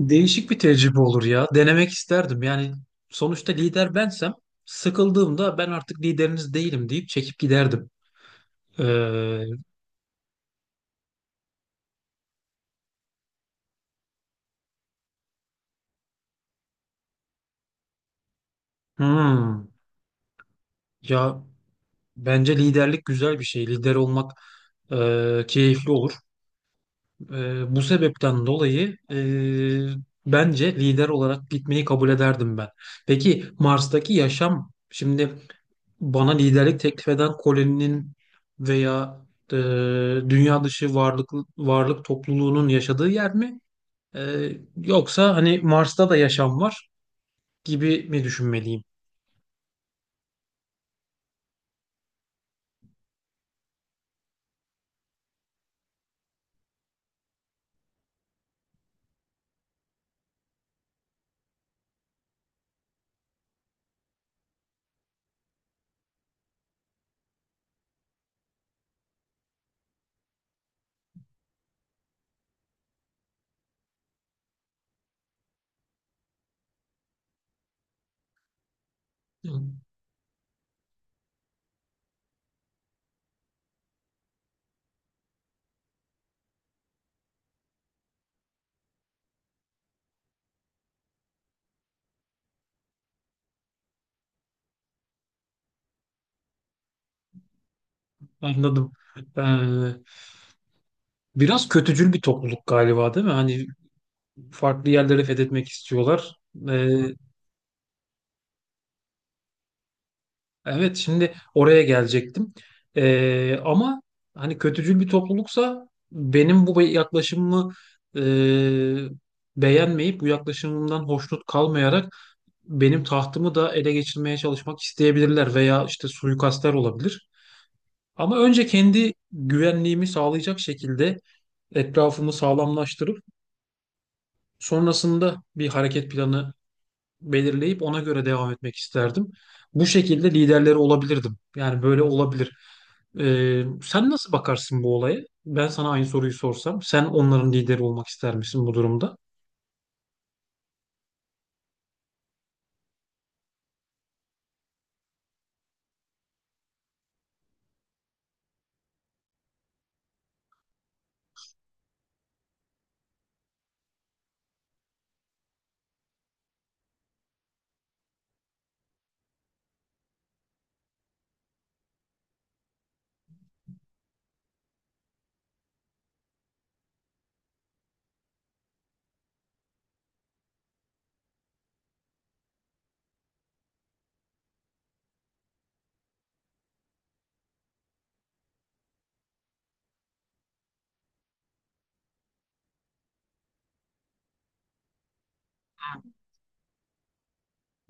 Değişik bir tecrübe olur ya. Denemek isterdim. Yani sonuçta lider bensem sıkıldığımda ben artık lideriniz değilim deyip çekip giderdim. Ee, hmm. ya Bence liderlik güzel bir şey. Lider olmak keyifli olur. Bu sebepten dolayı bence lider olarak gitmeyi kabul ederdim ben. Peki Mars'taki yaşam şimdi bana liderlik teklif eden Colin'in veya e, dünya dışı varlık topluluğunun yaşadığı yer mi? E, Yoksa hani Mars'ta da yaşam var gibi mi düşünmeliyim? Hı, anladım. E, Biraz kötücül bir topluluk galiba değil mi? Hani farklı yerleri fethetmek istiyorlar. E, Evet, şimdi oraya gelecektim. Ama hani kötücül bir topluluksa benim bu yaklaşımımı e, beğenmeyip bu yaklaşımımdan hoşnut kalmayarak benim tahtımı da ele geçirmeye çalışmak isteyebilirler veya işte suikastler olabilir. Ama önce kendi güvenliğimi sağlayacak şekilde etrafımı sağlamlaştırıp sonrasında bir hareket planı belirleyip ona göre devam etmek isterdim. Bu şekilde liderleri olabilirdim. Yani böyle olabilir. Sen nasıl bakarsın bu olaya? Ben sana aynı soruyu sorsam, sen onların lideri olmak ister misin bu durumda?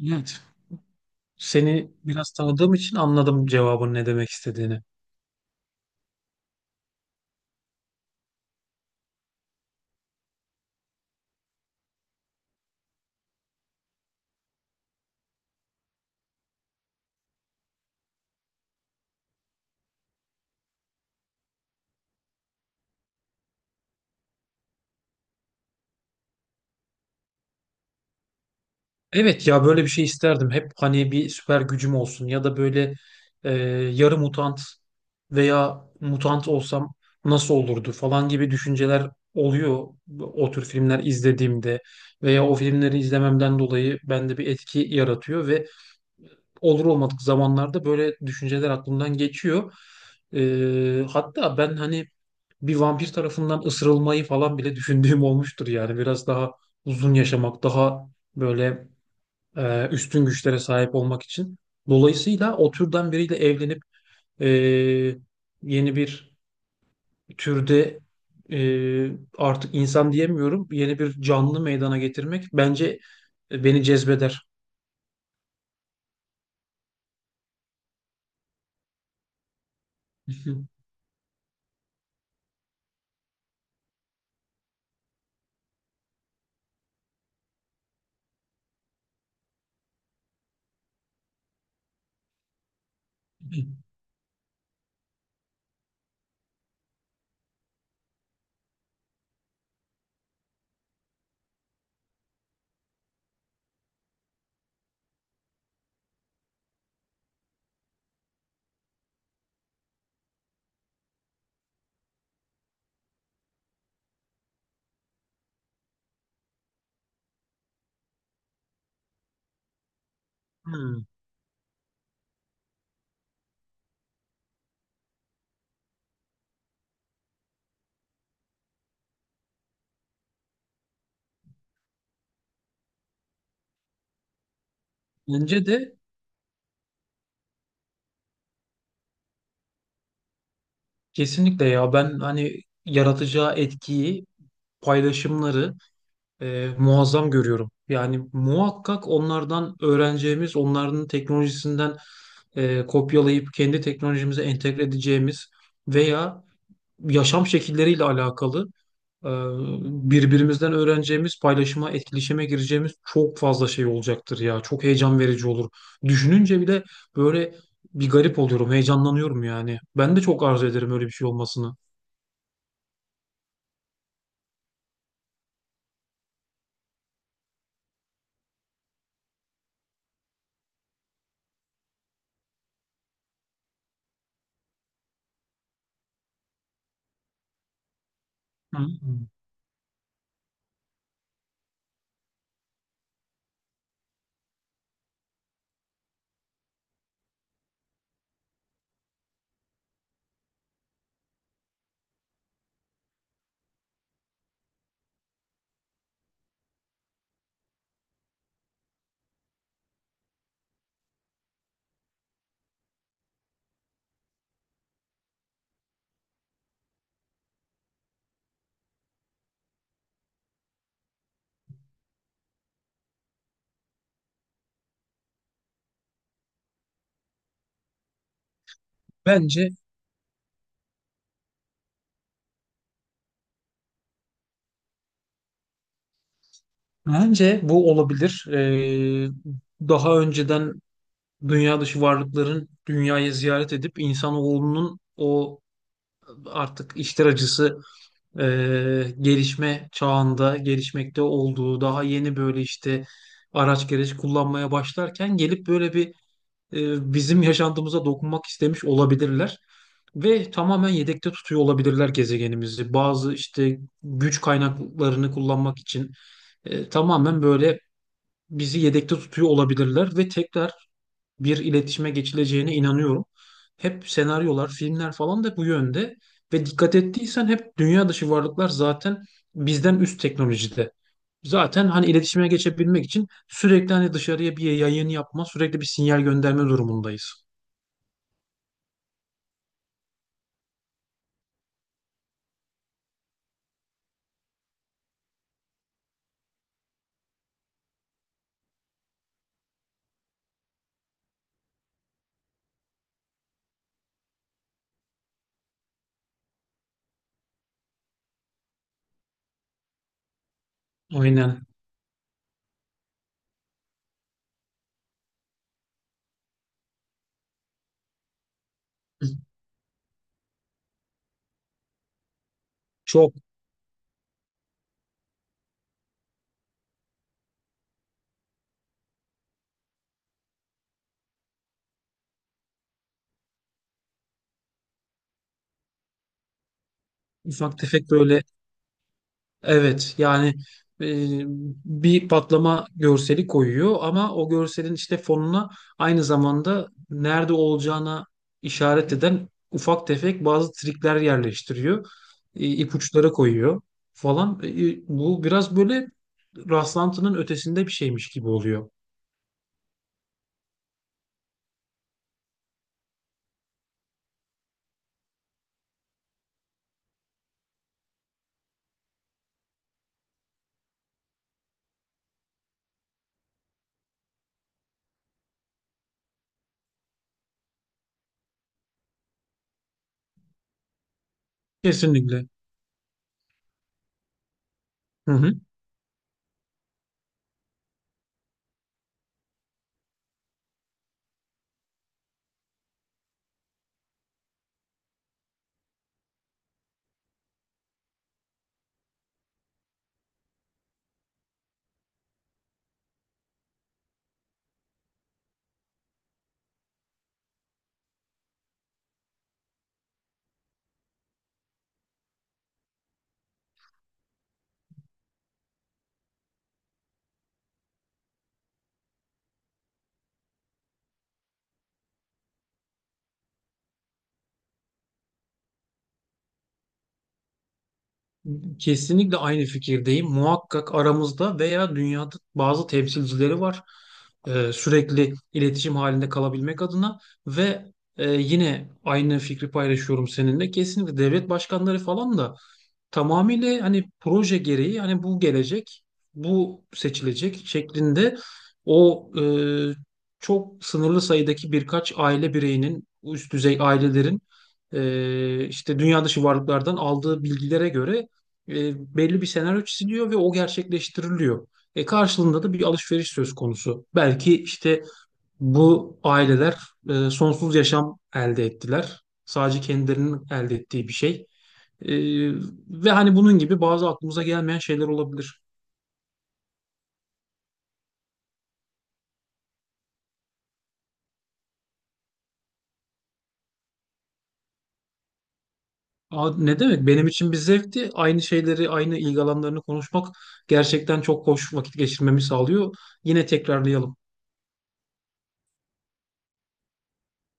Evet. Seni biraz tanıdığım için anladım cevabın ne demek istediğini. Evet ya, böyle bir şey isterdim. Hep hani bir süper gücüm olsun ya da böyle e, yarı mutant veya mutant olsam nasıl olurdu falan gibi düşünceler oluyor o tür filmler izlediğimde veya o filmleri izlememden dolayı bende bir etki yaratıyor ve olur olmadık zamanlarda böyle düşünceler aklımdan geçiyor. Hatta ben hani bir vampir tarafından ısırılmayı falan bile düşündüğüm olmuştur yani biraz daha uzun yaşamak, daha böyle üstün güçlere sahip olmak için. Dolayısıyla o türden biriyle evlenip e, yeni bir türde, e, artık insan diyemiyorum, yeni bir canlı meydana getirmek bence beni cezbeder. Hmm. Bence de, kesinlikle ya, ben hani yaratacağı etkiyi, paylaşımları muazzam görüyorum. Yani muhakkak onlardan öğreneceğimiz, onların teknolojisinden kopyalayıp kendi teknolojimize entegre edeceğimiz veya yaşam şekilleriyle alakalı e, birbirimizden öğreneceğimiz, paylaşıma, etkileşime gireceğimiz çok fazla şey olacaktır ya. Çok heyecan verici olur. Düşününce bile böyle bir garip oluyorum, heyecanlanıyorum yani. Ben de çok arzu ederim öyle bir şey olmasını. Hı hı. Bence bence bu olabilir. Daha önceden dünya dışı varlıkların dünyayı ziyaret edip insanoğlunun o artık işler acısı e, gelişme çağında gelişmekte olduğu, daha yeni böyle işte araç gereç kullanmaya başlarken gelip böyle bir bizim yaşantımıza dokunmak istemiş olabilirler. Ve tamamen yedekte tutuyor olabilirler gezegenimizi. Bazı işte güç kaynaklarını kullanmak için tamamen böyle bizi yedekte tutuyor olabilirler ve tekrar bir iletişime geçileceğine inanıyorum. Hep senaryolar, filmler falan da bu yönde ve dikkat ettiysen hep dünya dışı varlıklar zaten bizden üst teknolojide. Zaten hani iletişime geçebilmek için sürekli hani dışarıya bir yayın yapma, sürekli bir sinyal gönderme durumundayız. Aynen. Çok ufak tefek böyle evet yani e, bir patlama görseli koyuyor ama o görselin işte fonuna aynı zamanda nerede olacağına işaret eden ufak tefek bazı trikler yerleştiriyor. İpuçları koyuyor falan. Bu biraz böyle rastlantının ötesinde bir şeymiş gibi oluyor. Kesinlikle. Hı hı. Kesinlikle aynı fikirdeyim. Muhakkak aramızda veya dünyada bazı temsilcileri var. Sürekli iletişim halinde kalabilmek adına ve yine aynı fikri paylaşıyorum seninle. Kesinlikle devlet başkanları falan da tamamıyla hani proje gereği hani bu gelecek, bu seçilecek şeklinde o çok sınırlı sayıdaki birkaç aile bireyinin, üst düzey ailelerin işte dünya dışı varlıklardan aldığı bilgilere göre belli bir senaryo çiziliyor ve o gerçekleştiriliyor. E karşılığında da bir alışveriş söz konusu. Belki işte bu aileler sonsuz yaşam elde ettiler. Sadece kendilerinin elde ettiği bir şey. Ee, Ve hani bunun gibi bazı aklımıza gelmeyen şeyler olabilir. Aa, ne demek? Benim için bir zevkti. Aynı şeyleri, aynı ilgi alanlarını konuşmak gerçekten çok hoş vakit geçirmemi sağlıyor. Yine tekrarlayalım.